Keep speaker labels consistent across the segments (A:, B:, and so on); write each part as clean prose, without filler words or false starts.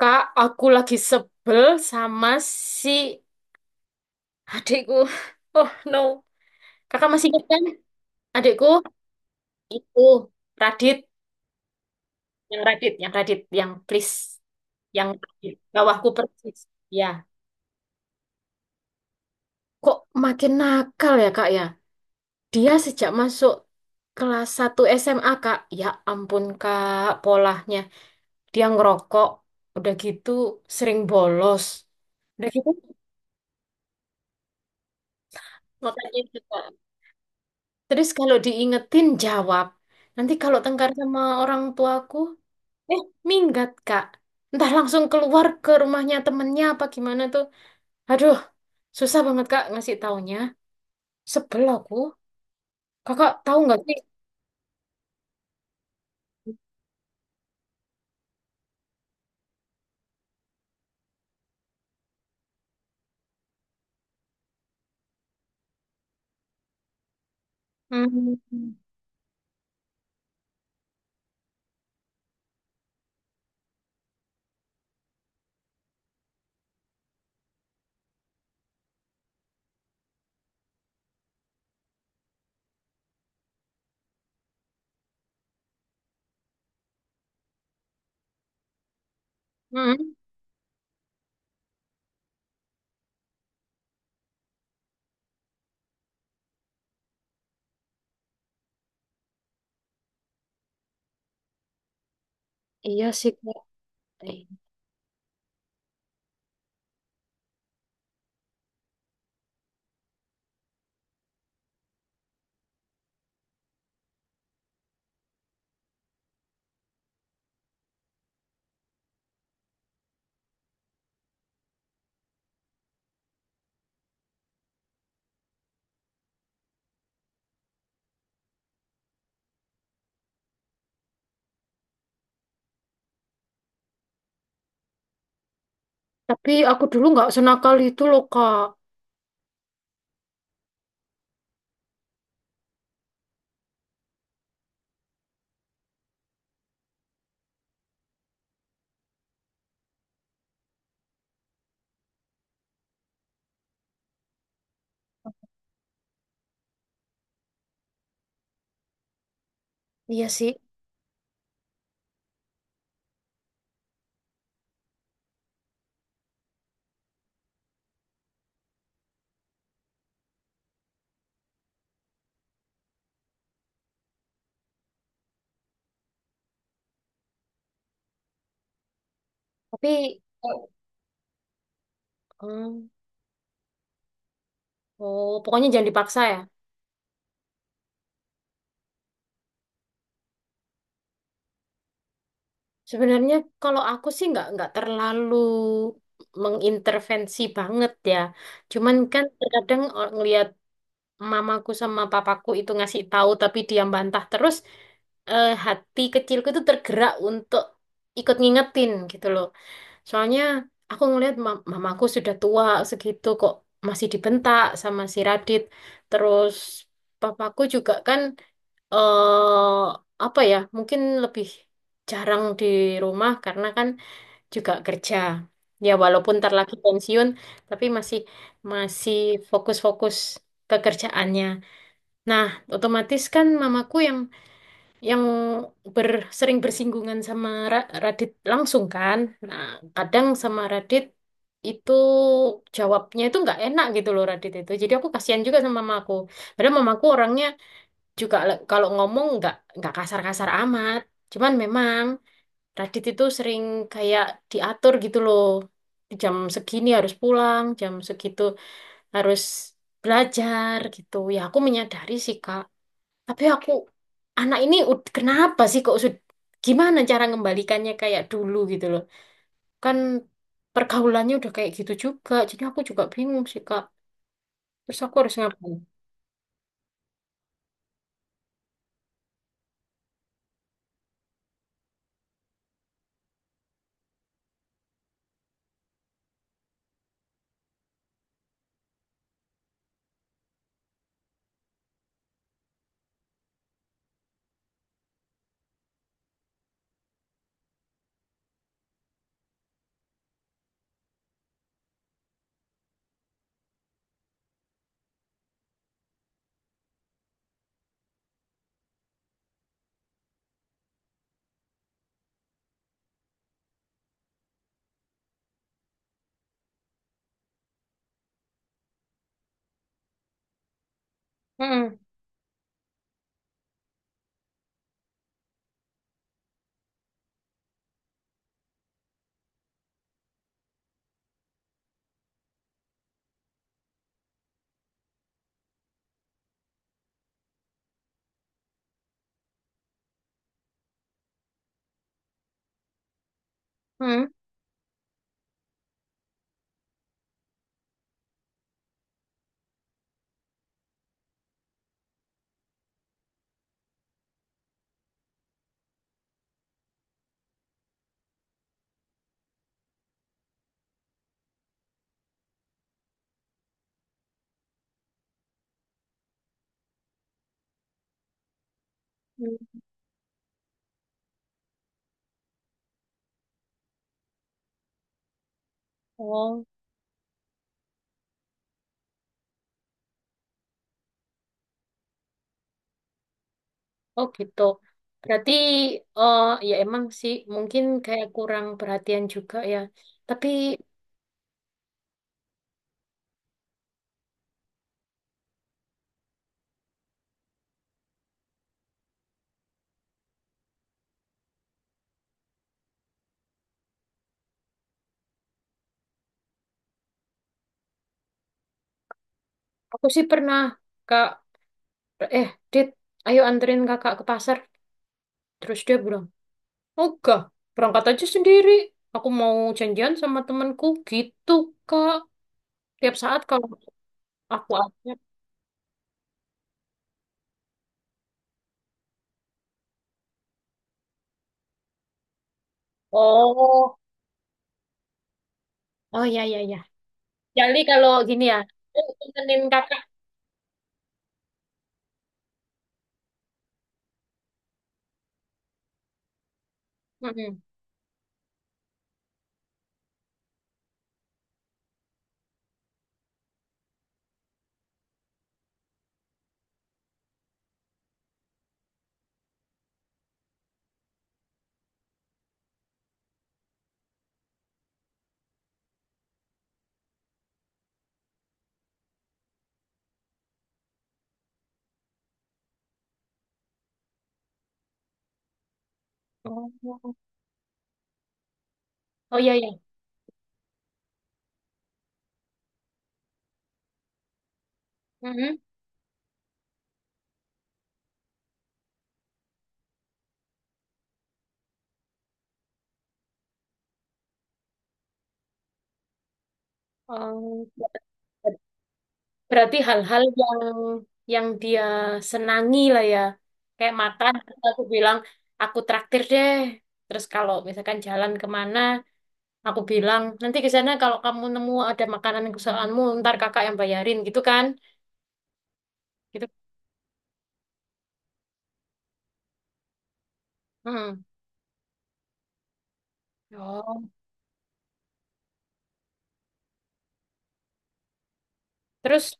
A: Kak, aku lagi sebel sama si adikku. Oh no, kakak masih ingat kan? Adikku itu Radit, yang Radit, yang Radit, yang please, yang Radit. Bawahku persis. Ya, kok makin nakal ya kak ya? Dia sejak masuk kelas 1 SMA kak, ya ampun kak, polahnya. Dia ngerokok, udah gitu sering bolos. Udah gitu, makanya juga. Terus kalau diingetin jawab. Nanti kalau tengkar sama orang tuaku, eh minggat kak. Entah langsung keluar ke rumahnya temennya apa gimana tuh. Aduh, susah banget kak ngasih taunya. Sebel aku. Kakak tahu nggak sih? Hmm, hmm. Iya sih kak. Eh, Tapi aku dulu nggak senakal itu loh kak. Iya sih. Tapi, oh, hmm. Oh, pokoknya jangan dipaksa ya. Sebenarnya kalau aku sih nggak terlalu mengintervensi banget ya. Cuman kan terkadang ngelihat mamaku sama papaku itu ngasih tahu tapi dia bantah terus, hati kecilku itu tergerak untuk ikut ngingetin gitu loh. Soalnya aku ngelihat mamaku sudah tua segitu kok masih dibentak sama si Radit. Terus papaku juga kan eh apa ya? Mungkin lebih jarang di rumah karena kan juga kerja. Ya walaupun ntar lagi pensiun, tapi masih masih fokus-fokus ke kerjaannya. Nah, otomatis kan mamaku yang ber, sering bersinggungan sama Radit langsung kan. Nah, kadang sama Radit itu jawabnya itu nggak enak gitu loh Radit itu. Jadi aku kasihan juga sama mamaku. Padahal mamaku orangnya juga kalau ngomong nggak kasar-kasar amat. Cuman memang Radit itu sering kayak diatur gitu loh. Jam segini harus pulang, jam segitu harus belajar gitu. Ya aku menyadari sih Kak. Tapi aku anak ini kenapa sih kok gimana cara ngembalikannya kayak dulu gitu loh. Kan pergaulannya udah kayak gitu juga. Jadi aku juga bingung sih Kak. Terus aku harus ngapain? Hmm. Hmm. Hmm. Oh. Oh gitu. Berarti ya emang sih mungkin kayak kurang perhatian juga ya. Tapi aku sih pernah Kak, eh Dit, ayo anterin Kakak ke pasar. Terus dia bilang, "Enggak, berangkat aja sendiri. Aku mau janjian sama temanku." Gitu, Kak. Tiap saat kalau aku ajak. Oh, oh ya ya ya. Jadi kalau gini ya, aku temenin Kakak. Mm-mm. Oh, oh ya ya. Mm-mm. Oh. Berarti hal-hal yang dia senangi lah ya. Kayak makan, terus aku bilang, aku traktir deh. Terus kalau misalkan jalan kemana, aku bilang, nanti ke sana kalau kamu nemu ada makanan kesukaanmu, ntar kakak yang bayarin gitu kan. Gitu. Hmm. Oh. Terus,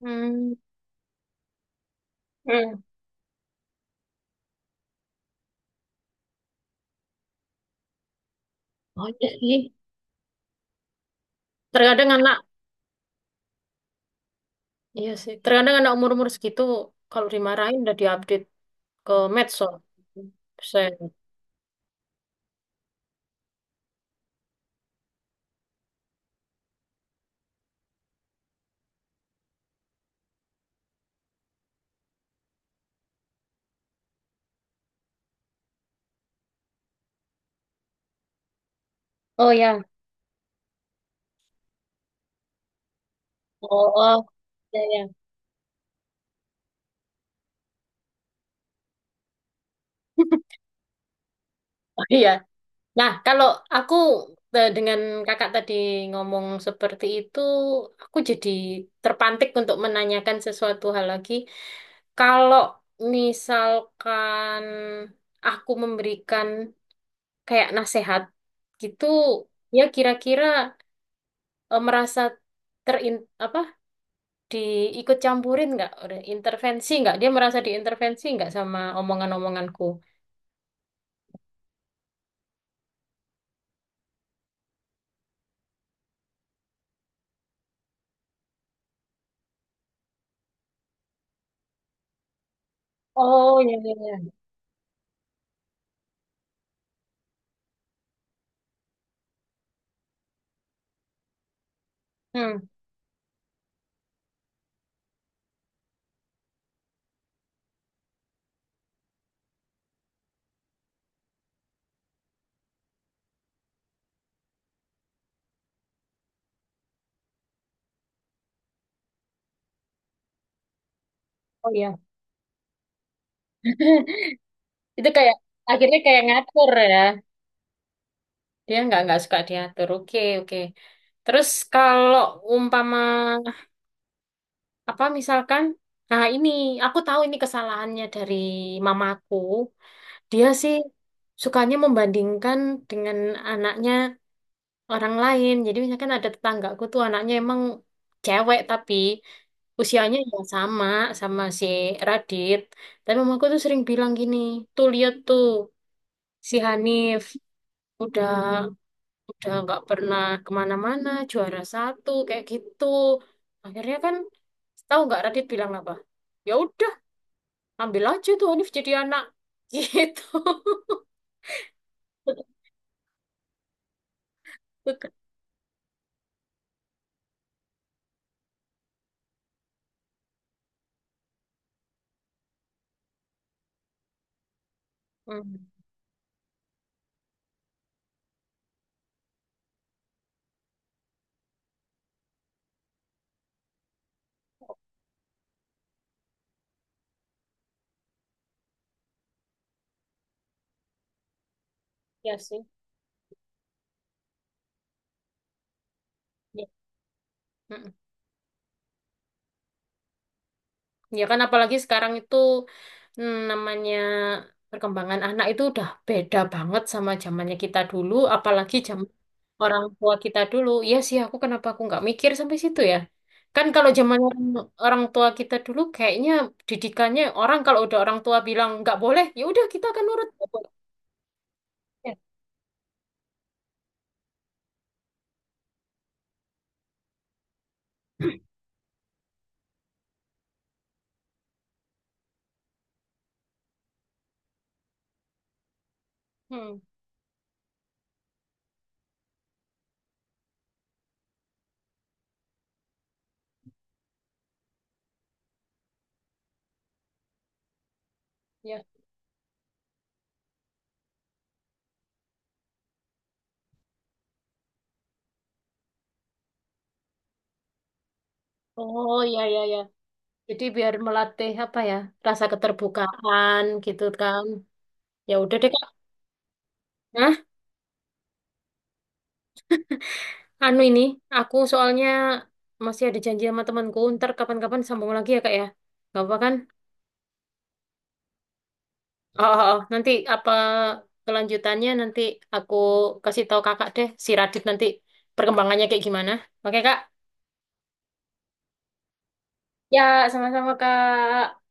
A: hmm. Hmm. Oh iya sih. Terkadang anak, iya sih. Terkadang anak umur-umur segitu, kalau dimarahin udah diupdate ke medsos. Buset. Oh ya. Oh, oh. Ya, ya. Iya. Nah, kalau aku dengan kakak tadi ngomong seperti itu, aku jadi terpantik untuk menanyakan sesuatu hal lagi. Kalau misalkan aku memberikan kayak nasihat gitu, ya kira-kira merasa terin apa diikut campurin nggak. Udah intervensi nggak? Dia merasa diintervensi nggak sama omongan-omonganku? Oh, iya, iya, iya. Hmm. Oh, iya. Itu kayak akhirnya kayak ngatur ya. Dia nggak suka diatur. Oke, oke. Terus kalau umpama apa misalkan nah ini aku tahu ini kesalahannya dari mamaku. Dia sih sukanya membandingkan dengan anaknya orang lain. Jadi misalkan ada tetanggaku tuh anaknya emang cewek tapi usianya ya sama sama si Radit. Tapi mamaku tuh sering bilang gini: tuh lihat tuh, si Hanif udah udah nggak pernah kemana-mana, juara satu kayak gitu. Akhirnya kan, tahu nggak Radit bilang apa? Ya udah, ambil aja tuh Hanif jadi anak gitu. Hmm, ya sih ya. Mm-mm. Ya kan apalagi sekarang itu, namanya perkembangan anak itu udah beda banget sama zamannya kita dulu, apalagi zaman orang tua kita dulu. Iya sih, kenapa aku nggak mikir sampai situ ya? Kan kalau zaman orang tua kita dulu kayaknya didikannya orang kalau udah orang tua bilang nggak boleh, ya udah kita akan nurut. Nggak boleh. Ya. Hmm, ya. Oh, ya ya ya. Jadi biar melatih apa ya? Rasa keterbukaan gitu kan. Ya udah deh, Kak. Hah? Anu ini, aku soalnya masih ada janji sama temanku. Ntar kapan-kapan sambung lagi ya, Kak ya. Gak apa kan? Oh, oh, oh. Nanti apa kelanjutannya, nanti aku kasih tahu Kakak deh, si Radit nanti perkembangannya kayak gimana. Oke, Kak? Ya, sama-sama, Kak.